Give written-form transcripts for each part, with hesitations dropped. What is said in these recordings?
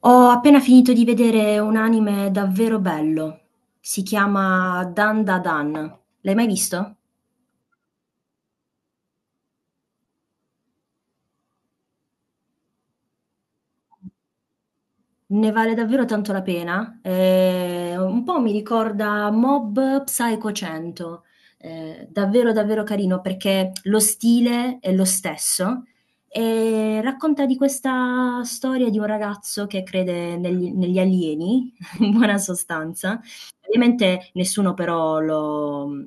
Ho appena finito di vedere un anime davvero bello. Si chiama Dandadan. L'hai mai visto? Ne vale davvero tanto la pena. Un po' mi ricorda Mob Psycho 100. Davvero, davvero carino perché lo stile è lo stesso e racconta di questa storia di un ragazzo che crede negli alieni, in buona sostanza. Ovviamente nessuno però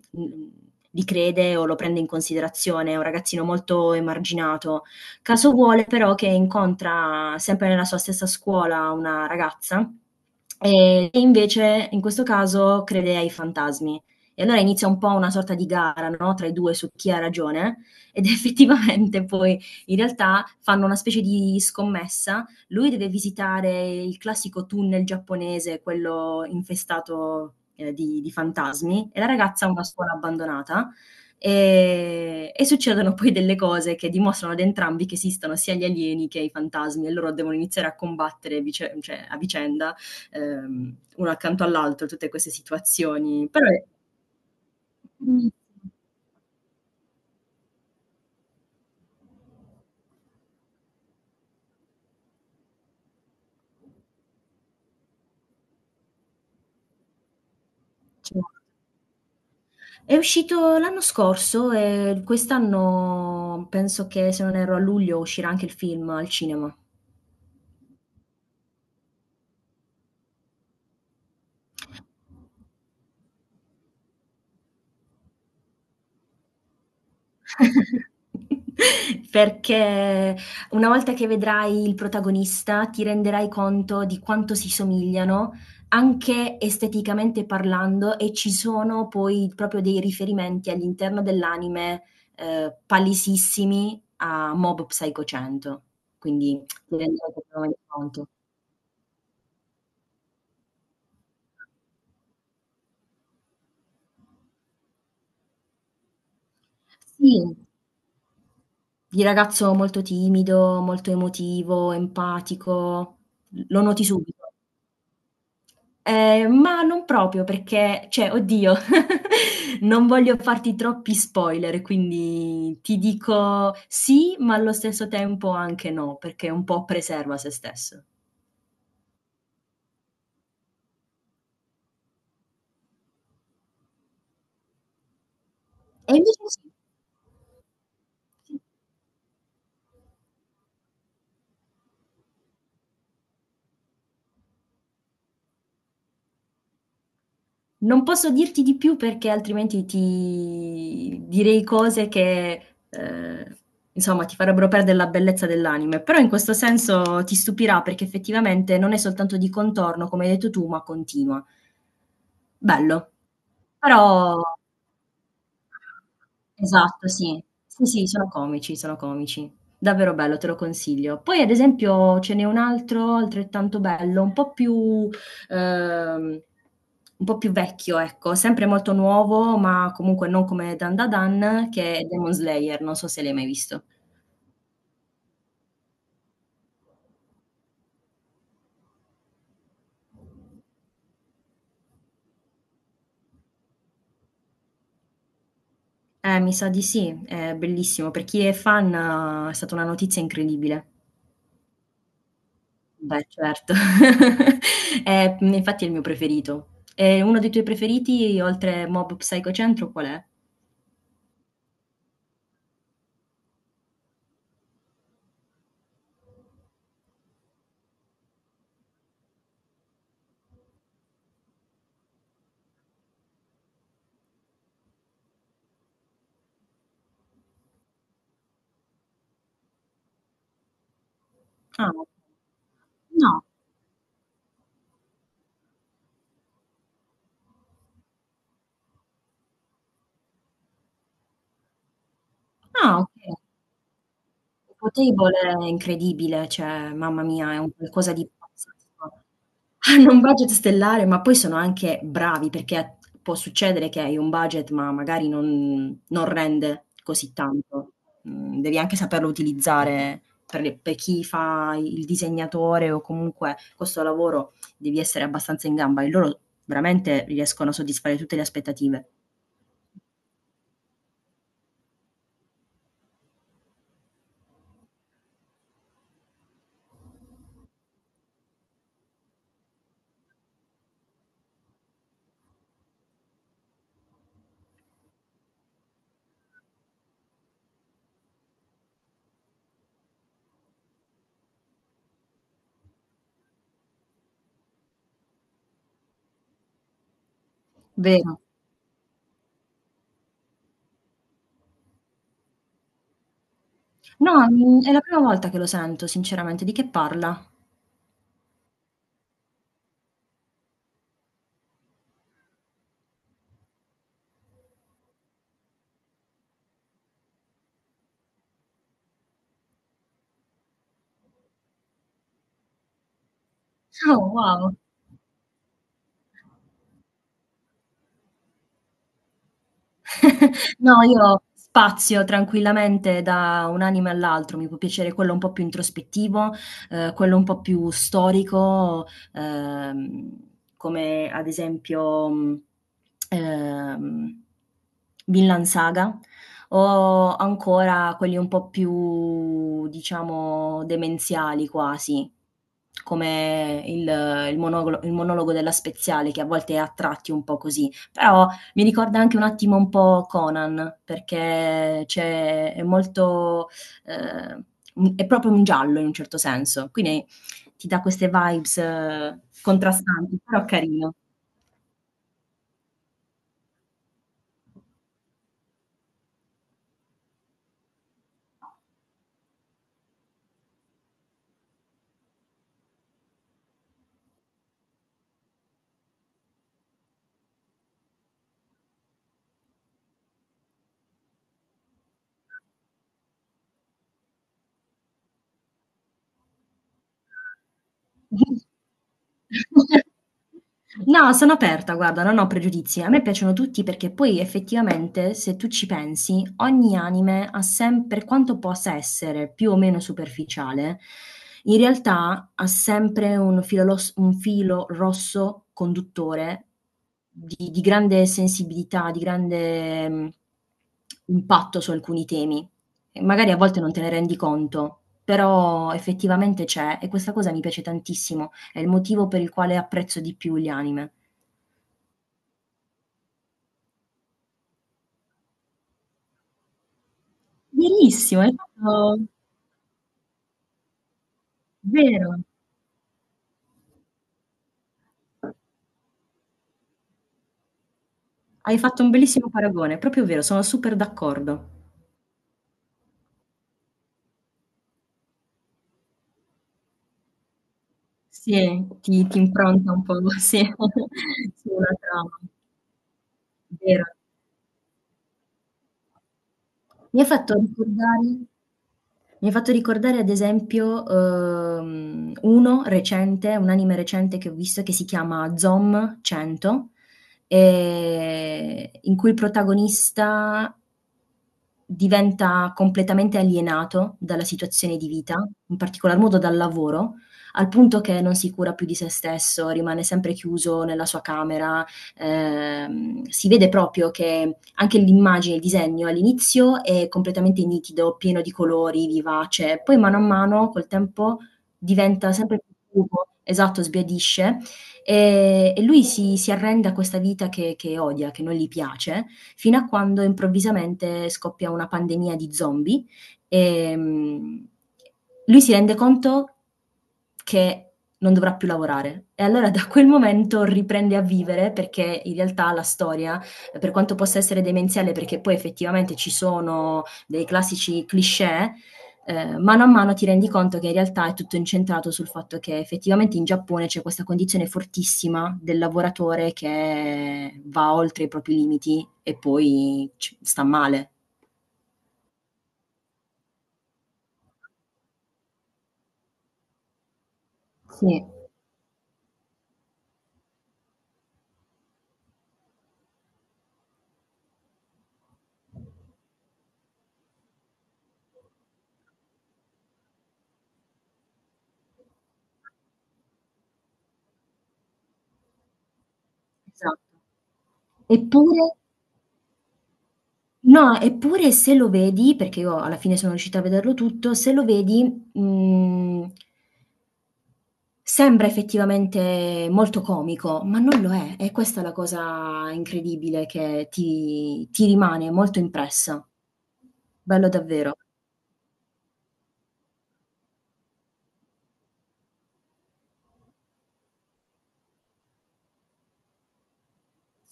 li crede o lo prende in considerazione, è un ragazzino molto emarginato. Caso vuole però che incontra sempre nella sua stessa scuola una ragazza e invece in questo caso crede ai fantasmi. E allora inizia un po' una sorta di gara, no, tra i due su chi ha ragione ed effettivamente poi in realtà fanno una specie di scommessa. Lui deve visitare il classico tunnel giapponese, quello infestato, di fantasmi e la ragazza ha una scuola abbandonata e succedono poi delle cose che dimostrano ad entrambi che esistono sia gli alieni che i fantasmi e loro devono iniziare a combattere cioè, a vicenda, uno accanto all'altro, tutte queste situazioni. Però è bellissimo. Cioè, è uscito l'anno scorso e quest'anno penso che, se non erro, a luglio uscirà anche il film al cinema. Perché una volta che vedrai il protagonista, ti renderai conto di quanto si somigliano, anche esteticamente parlando, e ci sono poi proprio dei riferimenti all'interno dell'anime, palesissimi a Mob Psycho 100. Quindi ti renderai totalmente conto. Sì, di ragazzo molto timido, molto emotivo, empatico, l lo noti subito. Ma non proprio perché cioè oddio, non voglio farti troppi spoiler, quindi ti dico sì, ma allo stesso tempo anche no, perché un po' preserva se stesso. E invece sì, non posso dirti di più perché altrimenti ti direi cose che, insomma ti farebbero perdere la bellezza dell'anime, però in questo senso ti stupirà perché effettivamente non è soltanto di contorno, come hai detto tu, ma continua. Bello. Però. Esatto, sì. Sì, sì, sono comici, sono comici. Davvero bello, te lo consiglio. Poi ad esempio ce n'è un altro altrettanto bello, ehm, un po' più vecchio, ecco, sempre molto nuovo, ma comunque non come Dan Da Dan, che è Demon Slayer, non so se l'hai mai visto. Mi sa di sì, è bellissimo. Per chi è fan è stata una notizia incredibile. Beh, certo. Infatti è il mio preferito. E uno dei tuoi preferiti oltre Mob Psycho 100 qual è? Ah. No. Ah, okay. Potable è incredibile, cioè mamma mia, è un qualcosa di pazzesco. Hanno un budget stellare, ma poi sono anche bravi, perché può succedere che hai un budget, ma magari non rende così tanto. Devi anche saperlo utilizzare per chi fa il disegnatore o comunque questo lavoro devi essere abbastanza in gamba e loro veramente riescono a soddisfare tutte le aspettative. Vero. No, è la prima volta che lo sento sinceramente. Di che parla? Oh, wow. No, io spazio tranquillamente da un anime all'altro. Mi può piacere quello un po' più introspettivo, quello un po' più storico, uhm, come ad esempio, ehm, Vinland Saga, o ancora quelli un po' più, diciamo, demenziali quasi, come il monologo della Speziale, che a volte è a tratti un po' così, però mi ricorda anche un attimo un po' Conan, perché c'è è molto ehm, è proprio un giallo in un certo senso, quindi ti dà queste vibes contrastanti, però carino. No, sono aperta, guarda, non ho pregiudizi. A me piacciono tutti perché poi effettivamente, se tu ci pensi, ogni anime ha sempre, per quanto possa essere più o meno superficiale, in realtà ha sempre un filo rosso conduttore di grande sensibilità, di grande impatto su alcuni temi. E magari a volte non te ne rendi conto, però effettivamente c'è e questa cosa mi piace tantissimo. È il motivo per il quale apprezzo di più gli anime. Verissimo, hai fatto vero. Hai fatto un bellissimo paragone, è proprio vero, sono super d'accordo. Sì, ti impronta un po' sì, sì una trama, vero. Mi hai fatto ricordare mi hai fatto ricordare ad esempio, uno recente, un anime recente che ho visto che si chiama Zom 100, in cui il protagonista diventa completamente alienato dalla situazione di vita, in particolar modo dal lavoro, al punto che non si cura più di se stesso, rimane sempre chiuso nella sua camera, si vede proprio che anche l'immagine, il disegno all'inizio è completamente nitido, pieno di colori, vivace, poi mano a mano col tempo diventa sempre più cupo. Esatto, sbiadisce, e lui si arrende a questa vita che odia, che non gli piace fino a quando improvvisamente scoppia una pandemia di zombie e lui si rende conto che non dovrà più lavorare. E allora da quel momento riprende a vivere perché in realtà la storia, per quanto possa essere demenziale, perché poi effettivamente ci sono dei classici cliché, mano a mano ti rendi conto che in realtà è tutto incentrato sul fatto che effettivamente in Giappone c'è questa condizione fortissima del lavoratore che va oltre i propri limiti e poi sta male. Sì, esatto. Eppure no, eppure se lo vedi, perché io alla fine sono riuscita a vederlo tutto, se lo vedi, mhmm sembra effettivamente molto comico, ma non lo è. È questa è la cosa incredibile che ti rimane molto impressa. Bello davvero.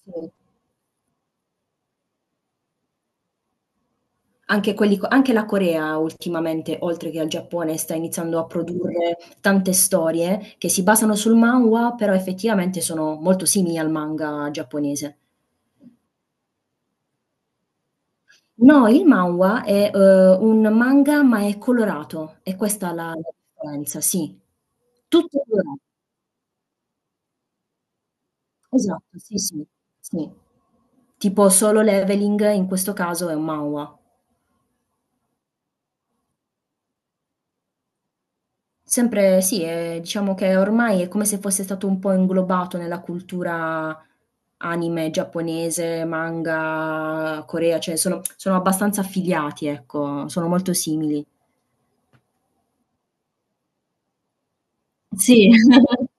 Sì. Anche quelli co anche la Corea ultimamente, oltre che al Giappone, sta iniziando a produrre tante storie che si basano sul manhwa, però effettivamente sono molto simili al manga giapponese. No, il manhwa è, un manga, ma è colorato. È questa è la differenza, sì. Tutto colora Esatto, sì, sì, sì. Tipo Solo Leveling in questo caso è un manhwa. Sempre sì, diciamo che ormai è come se fosse stato un po' inglobato nella cultura anime giapponese, manga, Corea, cioè sono abbastanza affiliati, ecco, sono molto simili. Sì.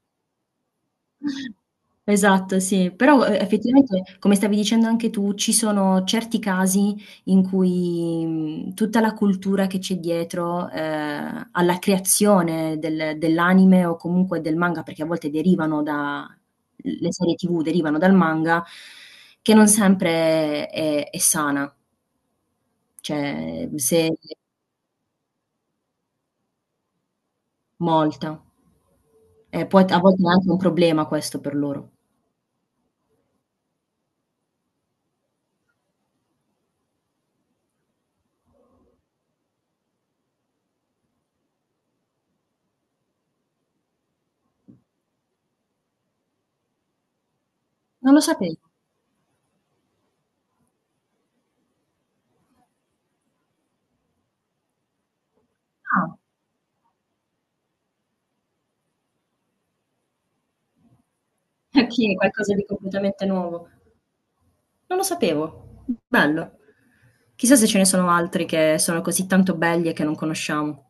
Esatto, sì. Però, effettivamente, come stavi dicendo anche tu, ci sono certi casi in cui, tutta la cultura che c'è dietro, alla creazione dell'anime o comunque del manga, perché a volte derivano da l le serie TV derivano dal manga, che non sempre è sana, cioè se molta. E poi t a volte è anche un problema questo per loro. Non lo sapevo. Ah. Okay, qualcosa di completamente nuovo. Non lo sapevo. Bello. Chissà se ce ne sono altri che sono così tanto belli e che non conosciamo.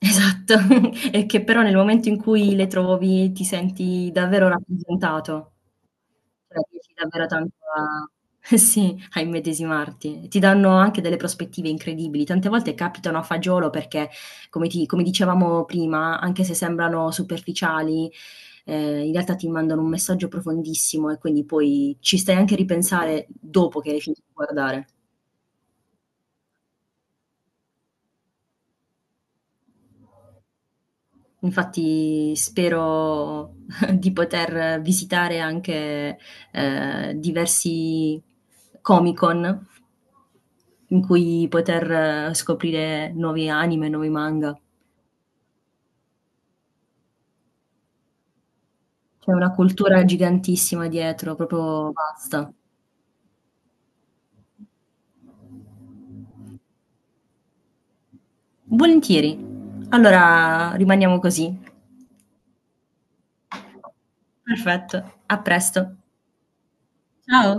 Esatto, e che però nel momento in cui le trovi ti senti davvero rappresentato. Cioè riesci davvero tanto a eh sì, a immedesimarti. Ti danno anche delle prospettive incredibili. Tante volte capitano a fagiolo perché, come ti come dicevamo prima, anche se sembrano superficiali, in realtà ti mandano un messaggio profondissimo e quindi poi ci stai anche a ripensare dopo che hai finito di guardare. Infatti spero di poter visitare anche, diversi Comic-Con in cui poter scoprire nuovi anime, nuovi manga. C'è una cultura gigantissima dietro, proprio vasta. Volentieri. Allora rimaniamo così. Perfetto, a presto. Ciao.